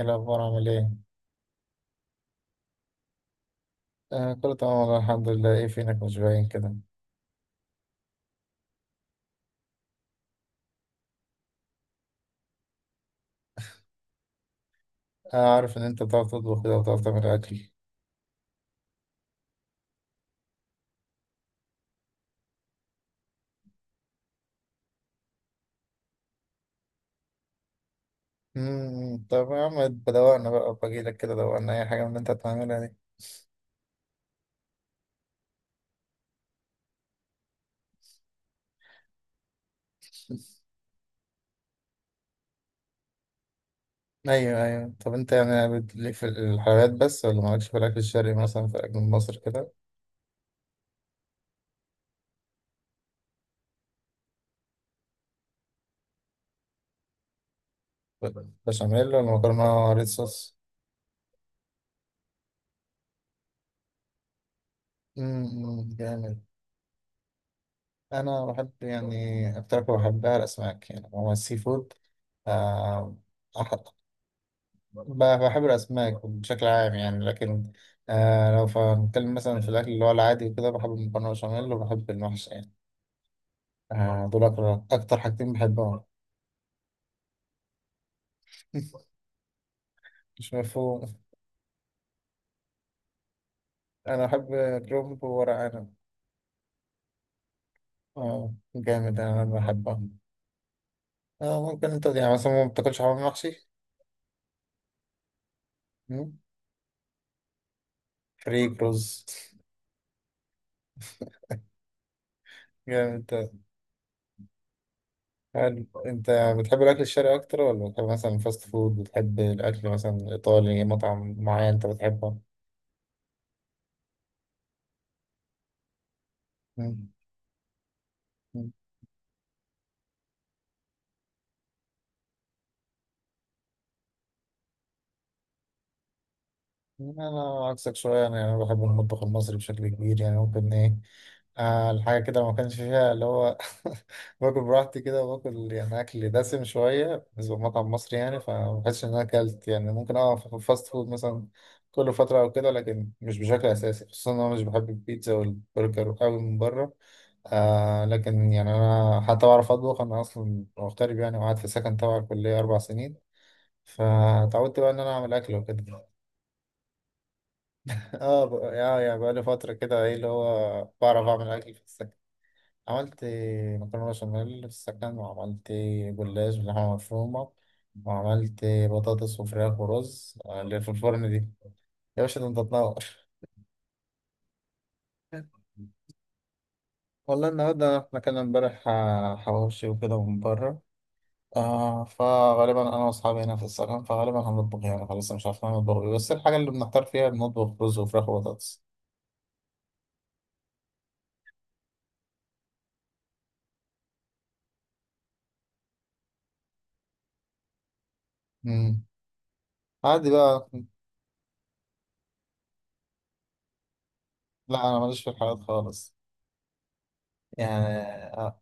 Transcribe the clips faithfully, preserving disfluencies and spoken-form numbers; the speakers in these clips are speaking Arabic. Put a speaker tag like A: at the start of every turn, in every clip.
A: ايه الأخبار عامل إيه؟ آه، كله تمام والله الحمد لله. إيه فينك مش باين كده؟ آه، عارف إن أنت بتعرف تطبخ كده وبتعرف تعمل أكل. مم، طب يا عم بدوقنا بقى بجيلك كده، دوقنا أي حاجة من اللي أنت هتعملها دي. أيوه أيوه، طب أنت يعني بت- ليك في الحلويات بس ولا مالكش في الأكل الشرقي، مثلا في الأكل المصري كده؟ بشاميل ولا مكرونة ريد صوص؟ امم، جامد. أنا بحب يعني أكتر حاجة بحبها الأسماك، يعني هو السي فود. آه، ب- بحب الأسماك بشكل عام يعني، لكن آه لو هنتكلم مثلا في الأكل اللي هو العادي وكده بحب المكرونة بشاميل وبحب المحشي يعني. آه، دول أكتر أكتر حاجتين بحبهم. مش مفهوم. أنا بحب كرنب وورق عنب. آه جامد، أنا بحبهم. آه ممكن أنت يعني مثلا ما بتاكلش حمام محشي؟ مم؟ فريك رز. جامد، طيب. هل أنت بتحب الأكل الشرقي أكتر، ولا بتحب مثلا الفاست فود، بتحب الأكل مثلا الإيطالي، مطعم معين أنت بتحبه؟ مم. انا عكسك شويه، انا انا بحب المطبخ المصري بشكل كبير، يعني ممكن ايه آه الحاجه كده ما كانش فيها اللي هو باكل براحتي كده، وباكل يعني اكل دسم شويه بالنسبه لمطعم مصري، يعني فما بحسش ان انا اكلت. يعني ممكن اه في الفاست فود مثلا كل فتره او كده، لكن مش بشكل اساسي، خصوصا ان انا مش بحب البيتزا والبرجر قوي من بره. آه لكن يعني انا حتى بعرف اطبخ، انا اصلا مغترب يعني وقعدت في سكن تبع الكليه اربع سنين، فتعودت بقى ان انا اعمل اكل وكده. اه ب... اه يعني بقالي فترة كده، ايه اللي هو بعرف اعمل اكل في السكن. عملت مكرونة بشاميل في السكن، وعملت جلاش باللحمة مفرومة، وعملت بطاطس وفراخ ورز اللي في الفرن دي. يا باشا ده انت تنور. والله النهاردة احنا كان امبارح آه، حواوشي وكده من بره. آه، فغالبا انا واصحابي هنا في السكن، فغالبا هنطبخ يعني خلاص مش عارفين نطبخ إيه. بس الحاجة اللي بنحتار فيها بنطبخ رز وفراخ وبطاطس. مم. عادي بقى. لا انا ماليش في الحلويات خالص. يعني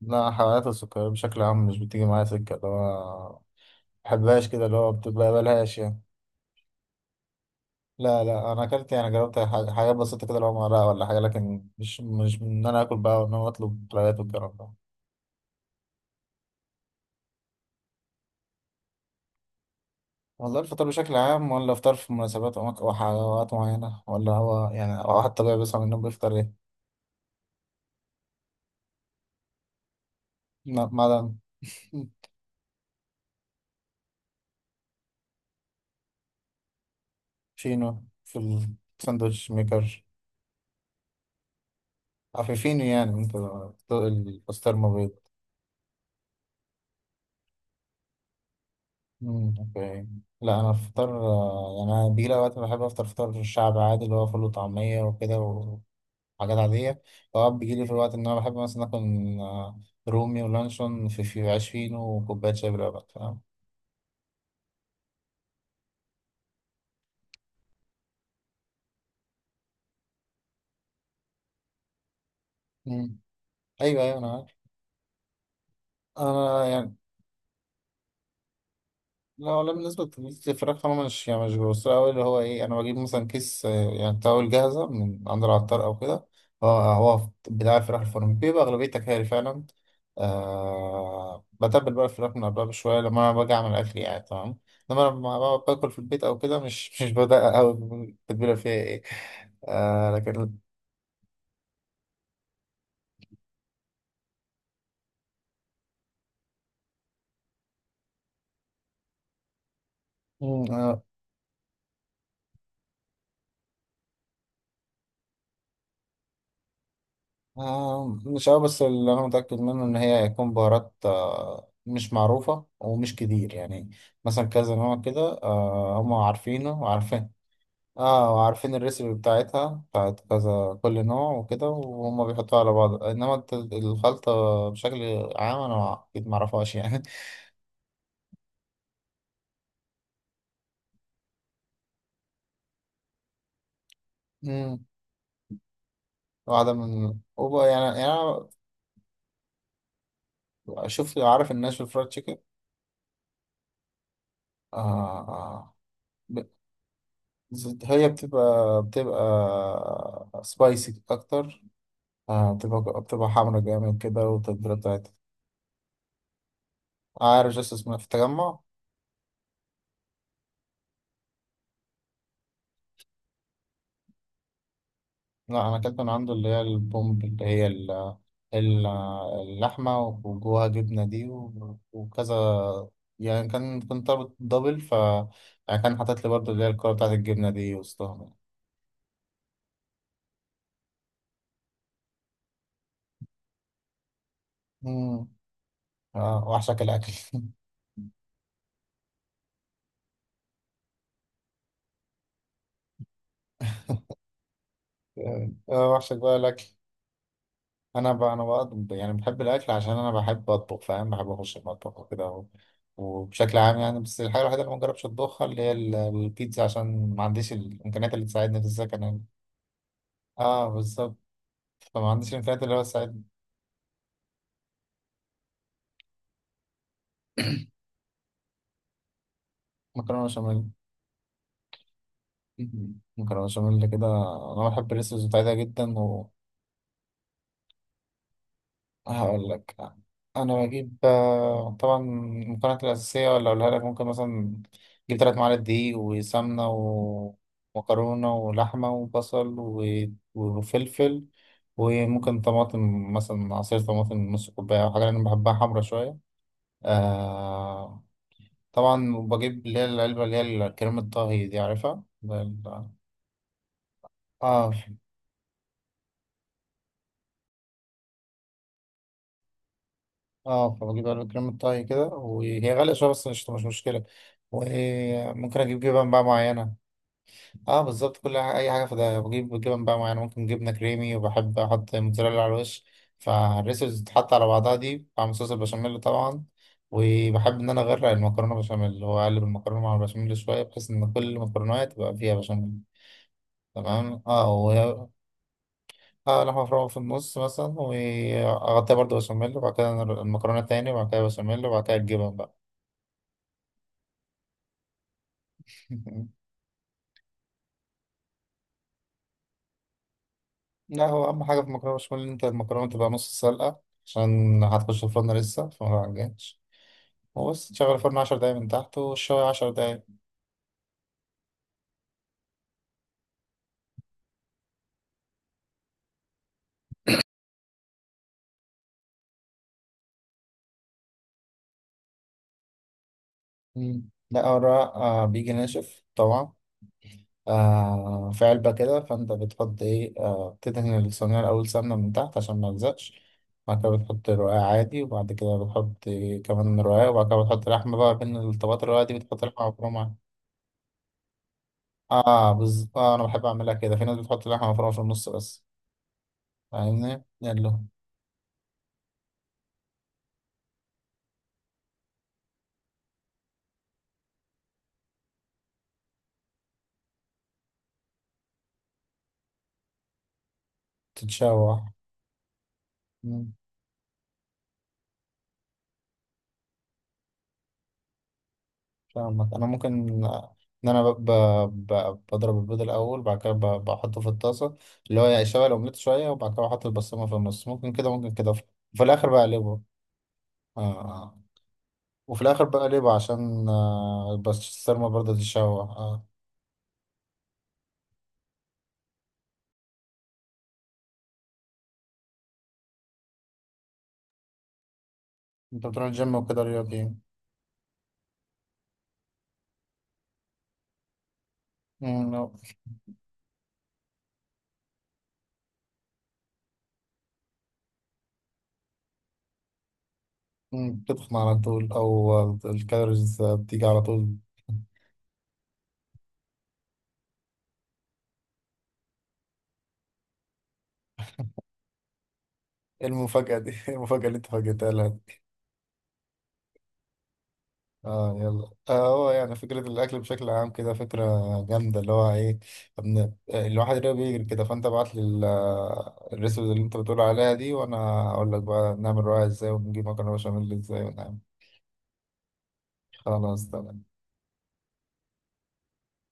A: لا، حلويات السكر بشكل عام مش بتيجي معايا سكة اللي هو ما بحبهاش كده، اللي هو بتبقبلهاش يعني. لا لا، أنا أكلت يعني جربت ح- حاجات بسيطة كده اللي هو مرقة ولا حاجة، لكن مش مش من إن أنا آكل بقى وإن أنا أطلب حلويات والكلام ده. والله الفطار بشكل عام ولا فطار في مناسبات أو أماك- أو حلويات معينة، ولا هو يعني أو حتى طبيعي بيصحى من النوم بيفطر إيه؟ لا، معدن. شينو في الساندوتش ميكر؟ عفيفينو يعني أنت. البسطرمة بيض. مم، اوكي. لا انا الفطار آه، يعني انا بيجي لي اوقات بحب افطر فطار الشعب عادي، اللي هو فول وطعميه وكده وحاجات عاديه. اوقات بيجي لي في الوقت ان انا بحب مثلا اكل آه، رومي ولانشون في في عيش فينو وكوبايه شاي بلبن فاهم. مم. ايوه ايوه انا عارف. انا يعني لا، ولا بالنسبة للفراخ أنا مش يعني مش بوصلها أوي اللي هو إيه. أنا بجيب مثلا كيس آه، يعني تاول جاهزة من عند العطار أو كده، هو هو بتاع الفراخ الفرن بيبقى أغلبية تكاري فعلا. آه، بتبل بقى الفراخ من قبلها بشوية لما أنا باجي أعمل أكل يعني، تمام. إنما لما بقعد باكل في البيت أو كده مش مش بدقق أوي التتبيلة فيها إيه. آه لكن آه، مش أوي، بس اللي أنا متأكد منه إن هي هيكون بهارات آه، مش معروفة ومش كتير يعني. مثلا كذا نوع كده، آه، هم عارفينه وعارفين. اه وعارفين الريسيبي بتاعتها بتاعت كذا، كل نوع وكده وهم بيحطوها على بعض. إنما الت- الخلطة بشكل عام أنا أكيد معرفهاش يعني. مم. واحدة من وبقى يعني يعني. أنا شوف عارف الناشف فرايد تشيكن. آه، ب- هي بتبقى بتبقى سبايسي أكتر. آه بتبقى بتبقى حمرا جامد كده والتتبيلة بتاعتها. عارف جاست اسمها في التجمع؟ لا أنا أكلت من عنده اللي هي البومب، اللي هي ال- ال- اللحمة وجواها جبنة دي، و- وكذا. يعني كان كنت طالب دبل، ف يعني كان حاطط لي برضه اللي هي الكرة بتاعت الجبنة دي وسطهم. مم. آه وحشك الأكل. آه، وحشك بقى الأكل. انا ب... انا بقى يعني بحب الاكل عشان انا بحب اطبخ فاهم، بحب اخش المطبخ وكده و... وبشكل عام يعني. بس الحاجه الوحيده اللي ما جربتش اطبخها اللي هي ال- البيتزا، عشان ما عنديش الامكانيات اللي تساعدني في السكن يعني. اه بالظبط، فما عنديش الامكانيات اللي هو تساعدني. مكرونه بشاميل. مكرونه بشاميل كده. انا بحب الريسبس بتاعتها جدا. هقول لك. انا بجيب آه، طبعا المكونات الاساسيه، ولا اقولها لك. ممكن مثلا اجيب ثلاث معالق دقيق وسمنه ومكرونه ولحمه وبصل و- وفلفل، وممكن طماطم، مثلا عصير طماطم نص كوبايه او حاجه، انا بحبها حمرا شويه. آه طبعا بجيب اللي هي العلبه، اللي هي كريمه الطهي دي عارفها ال- اه اه. فبجيب علبة كريمة طهي كده، وهي غالية شوية بس مش مش مشكلة. وممكن أجيب جبن بقى معينة. اه بالظبط. كل ح- أي حاجة. فده بجيب جبن بقى معينة، ممكن جبنة كريمي، وبحب أحط موتزاريلا على الوش. فالريسبس بتتحط على بعضها دي مع صوص البشاميل طبعا، وبحب إن أنا أغرق المكرونة بشاميل وأقلب المكرونة مع البشاميل شوية، بحيث إن كل المكرونة تبقى فيها بشاميل. تمام اه و اه، لحمة مفرومة في النص مثلا وأغطيها برضه بشاميل، وبعد كده المكرونة تاني، وبعد كده بشاميل، وبعد كده الجبن بقى. لا، هو أهم حاجة في المكرونة بشاميل إن أنت المكرونة تبقى نص سلقة، عشان هتخش الفرن لسه فما عجنش. وبس تشغل الفرن عشر دقايق من تحت والشوية عشر دقايق. مم. لا ورق آه بيجي ناشف طبعا، آه في علبة كده. فأنت بتحط إيه؟ آه بتدهن الصينية الأول سمنة من تحت عشان ما يلزقش، بعد كده بتحط رقاق عادي، وبعد كده بتحط إيه كمان رقاق، وبعد كده بتحط لحمة بقى بين الطبقات الرقاق دي، بتحط لحمة مفرومة. اه بز... آه أنا بحب أعملها كده، في ناس بتحط لحمة مفرومة في النص بس فاهمني يلا. تتشوح. مم، فاهمك. انا ممكن ان انا ب... ب... ب... بضرب البيض الاول، بعد كده ب... بحطه في الطاسه اللي هو يعني شويه الاومليت شويه، وبعد كده بحط البسطرمه في النص، ممكن كده ممكن كده، وفي وفي الاخر بقلبه. آه. آه. وفي الاخر بقلبه عشان آه... البسطرمه برضه تتشوح اه. انت بتروح الجيم وكده رياضي. مم، مم، بتتخن على طول او الكالوريز بتيجي على طول. ايه المفاجأة دي؟ ايه المفاجأة اللي انت فاجئتها لها؟ اه يلا. اه هو يعني فكرة الأكل بشكل عام كده فكرة جامدة، اللي هو إيه ابن الواحد اللي هو بيجري كده. فأنت ابعت لي ال- الريسبي اللي أنت بتقول عليها دي، وأنا أقول لك بقى نعمل رواية إزاي، ونجيب مكرونة بشاميل إزاي ونعمل. خلاص تمام.